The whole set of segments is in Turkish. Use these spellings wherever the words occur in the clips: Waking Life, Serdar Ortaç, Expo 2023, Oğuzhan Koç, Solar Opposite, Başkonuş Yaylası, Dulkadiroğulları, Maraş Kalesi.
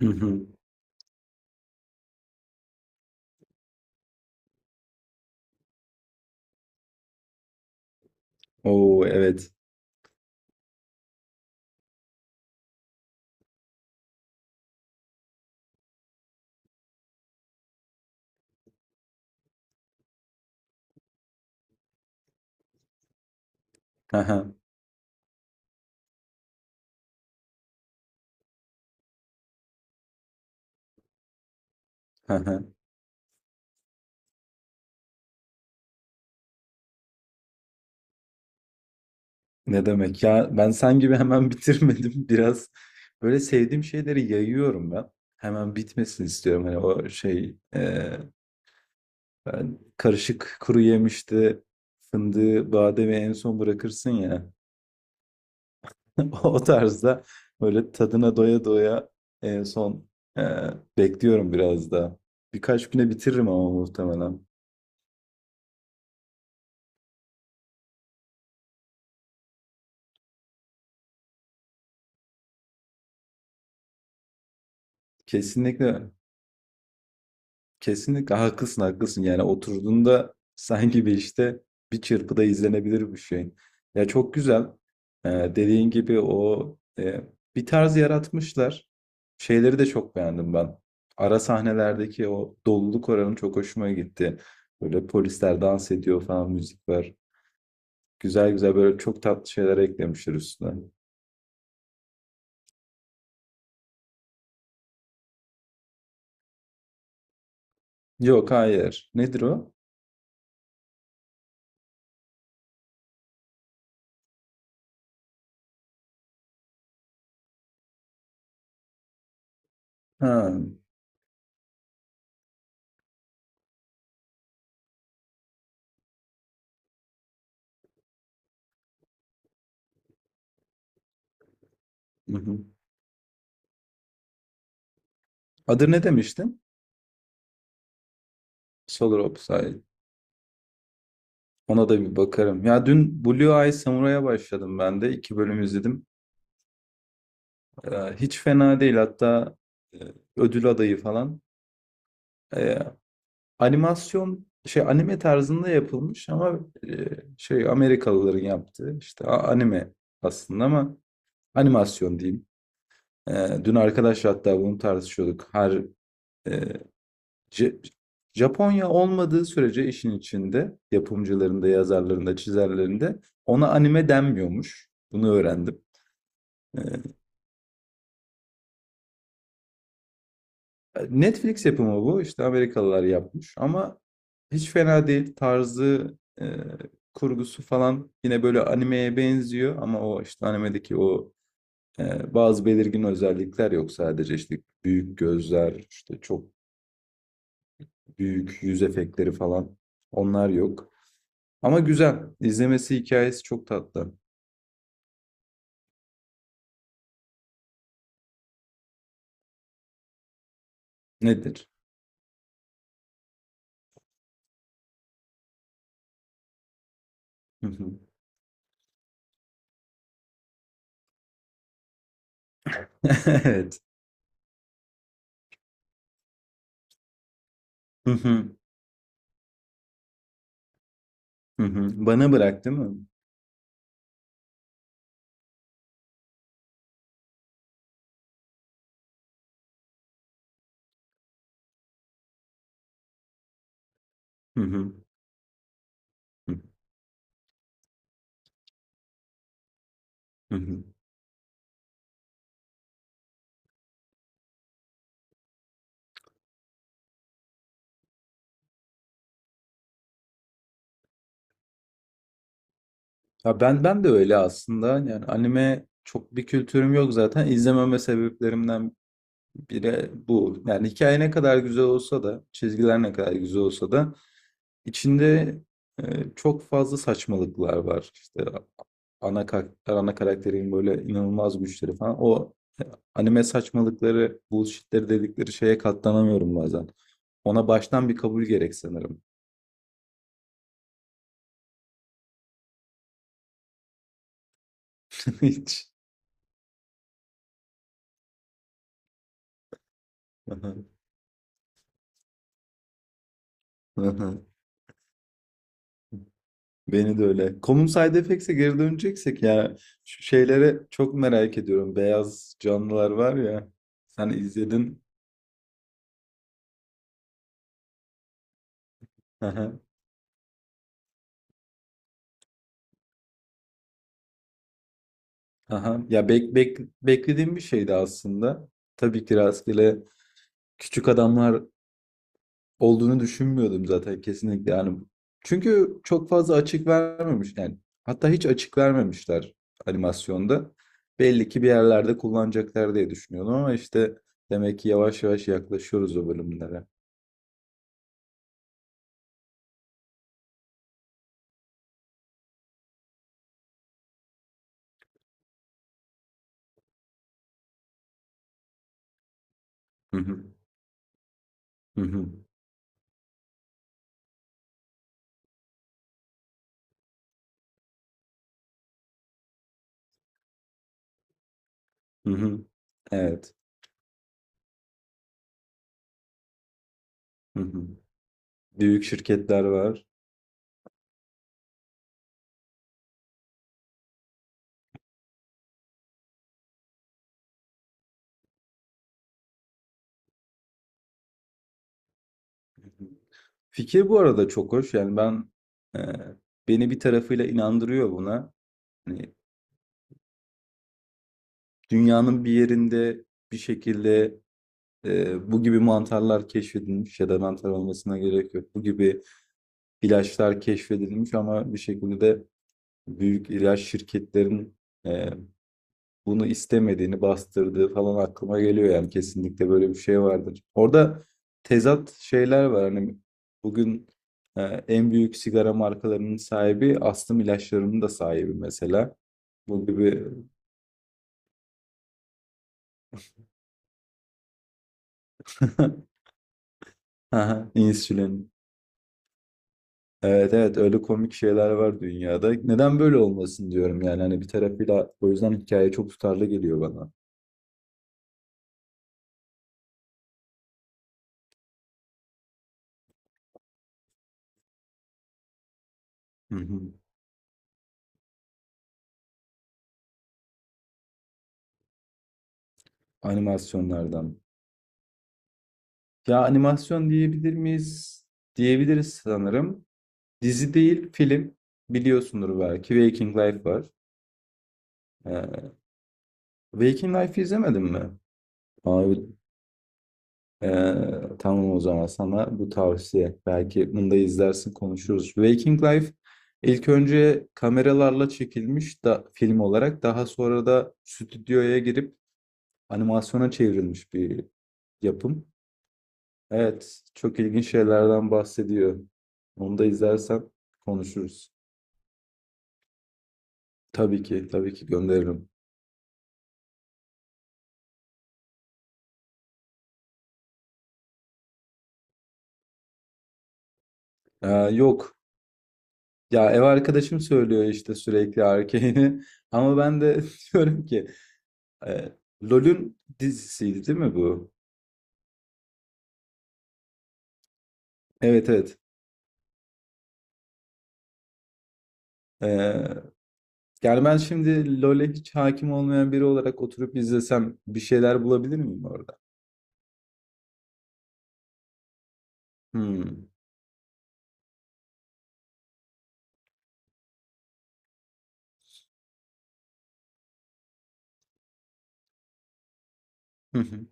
Hı hı. Oo evet. Hı hı. Ne demek ya? Ben sen gibi hemen bitirmedim. Biraz böyle sevdiğim şeyleri yayıyorum ben. Hemen bitmesin istiyorum. Hani o şey ben karışık kuru yemişti fındığı, bademi en son bırakırsın ya. O tarzda böyle tadına doya doya en son e, bekliyorum biraz daha. Birkaç güne bitiririm ama muhtemelen. Kesinlikle. Kesinlikle haklısın, haklısın. Yani oturduğunda sanki bir işte bir çırpıda izlenebilir bir şey. Ya çok güzel. Dediğin gibi o bir tarz yaratmışlar. Şeyleri de çok beğendim ben. Ara sahnelerdeki o doluluk oranı çok hoşuma gitti. Böyle polisler dans ediyor falan müzik var. Güzel güzel böyle çok tatlı şeyler eklemişler üstüne. Yok hayır. Nedir o? Ha. Hı hı. Adı ne demiştin? Solar Opposite. Ona da bir bakarım. Ya dün Blue Eye Samurai'a başladım ben de. İki bölüm izledim. Hiç fena değil. Hatta e, ödül adayı falan. Ee, animasyon şey anime tarzında yapılmış ama e, şey Amerikalıların yaptığı işte anime aslında ama animasyon diyeyim. Dün arkadaşlar hatta bunu tartışıyorduk. Her e, Ce- Japonya olmadığı sürece işin içinde yapımcılarında, yazarlarında, çizerlerinde ona anime denmiyormuş. Bunu öğrendim. Ee, Netflix yapımı bu. İşte Amerikalılar yapmış ama hiç fena değil. Tarzı, kurgusu falan yine böyle animeye benziyor ama o işte animedeki o bazı belirgin özellikler yok sadece işte büyük gözler, işte çok büyük yüz efektleri falan onlar yok. Ama güzel. İzlemesi hikayesi çok tatlı. Nedir? Hı hı. Evet. Hı hı. Hı hı. Bana bırak değil mi? Hı hı. Hı hı. Ya ben de öyle aslında. Yani anime çok bir kültürüm yok zaten. İzlememe sebeplerimden biri bu. Yani hikaye ne kadar güzel olsa da, çizgiler ne kadar güzel olsa da içinde e, çok fazla saçmalıklar var. İşte ana karakterin böyle inanılmaz güçleri falan. O e, anime saçmalıkları, bullshitleri dedikleri şeye katlanamıyorum bazen. Ona baştan bir kabul gerek sanırım. Hiç. Beni de öyle. Common Side Effects'e geri döneceksek ya şu şeylere çok merak ediyorum. Beyaz canlılar var ya. Sen izledin. Aha, aha. Ya beklediğim bir şeydi aslında. Tabii ki rastgele küçük adamlar olduğunu düşünmüyordum zaten kesinlikle. Yani çünkü çok fazla açık vermemiş. Yani hatta hiç açık vermemişler animasyonda. Belli ki bir yerlerde kullanacaklar diye düşünüyordum ama işte demek ki yavaş yavaş yaklaşıyoruz o bölümlere. Hı hı. Hı hı. Evet. Hı hı. Büyük şirketler var. Hı hı. Fikir bu arada çok hoş. Yani e, beni bir tarafıyla inandırıyor buna. Hani dünyanın bir yerinde bir şekilde bu gibi mantarlar keşfedilmiş ya da mantar olmasına gerek yok. Bu gibi ilaçlar keşfedilmiş ama bir şekilde de büyük ilaç şirketlerin e, bunu istemediğini bastırdığı falan aklıma geliyor yani kesinlikle böyle bir şey vardır. Orada tezat şeyler var hani bugün e, en büyük sigara markalarının sahibi astım ilaçlarının da sahibi mesela. Bu gibi Aha, insülin. Evet, evet, öyle komik şeyler var dünyada. Neden böyle olmasın diyorum yani hani bir tarafıyla o yüzden hikaye çok tutarlı geliyor bana. Hı hı. Animasyonlardan. Ya animasyon diyebilir miyiz? Diyebiliriz sanırım. Dizi değil, film. Biliyorsundur belki. Waking Life var. Ee, Waking Life izlemedin mi? Abi, ee, tamam o zaman sana bu tavsiye. Belki bunu da izlersin konuşuruz. Waking Life ilk önce kameralarla çekilmiş da film olarak. Daha sonra da stüdyoya girip animasyona çevrilmiş bir yapım. Evet, çok ilginç şeylerden bahsediyor. Onu da izlersen konuşuruz. Tabii ki, tabii ki gönderirim. Yok. Ya ev arkadaşım söylüyor işte sürekli Arcane'i. Ama ben de diyorum ki e, LoL'ün dizisiydi değil mi bu? Evet, evet. E, yani ben şimdi LoL'e hiç hakim olmayan biri olarak oturup izlesem bir şeyler bulabilir miyim orada? Hmm. Hı hı.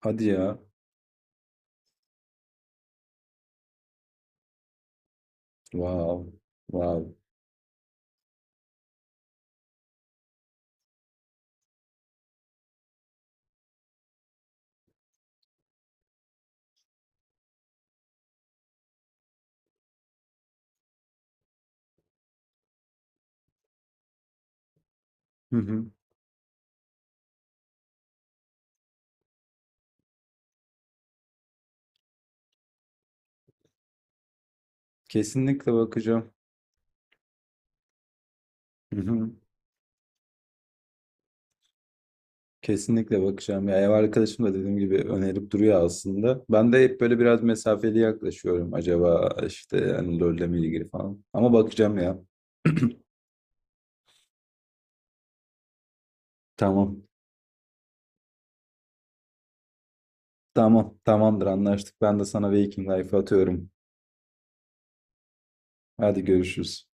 Hadi ya. Wow. Wow. Hı hı. Kesinlikle bakacağım. Kesinlikle bakacağım. Ya ev arkadaşım da dediğim gibi önerip duruyor aslında. Ben de hep böyle biraz mesafeli yaklaşıyorum. Acaba işte hani LoL'le mi ilgili falan. Ama bakacağım ya. Tamam. Tamam. Tamamdır anlaştık. Ben de sana Waking Life'ı atıyorum. Hadi görüşürüz.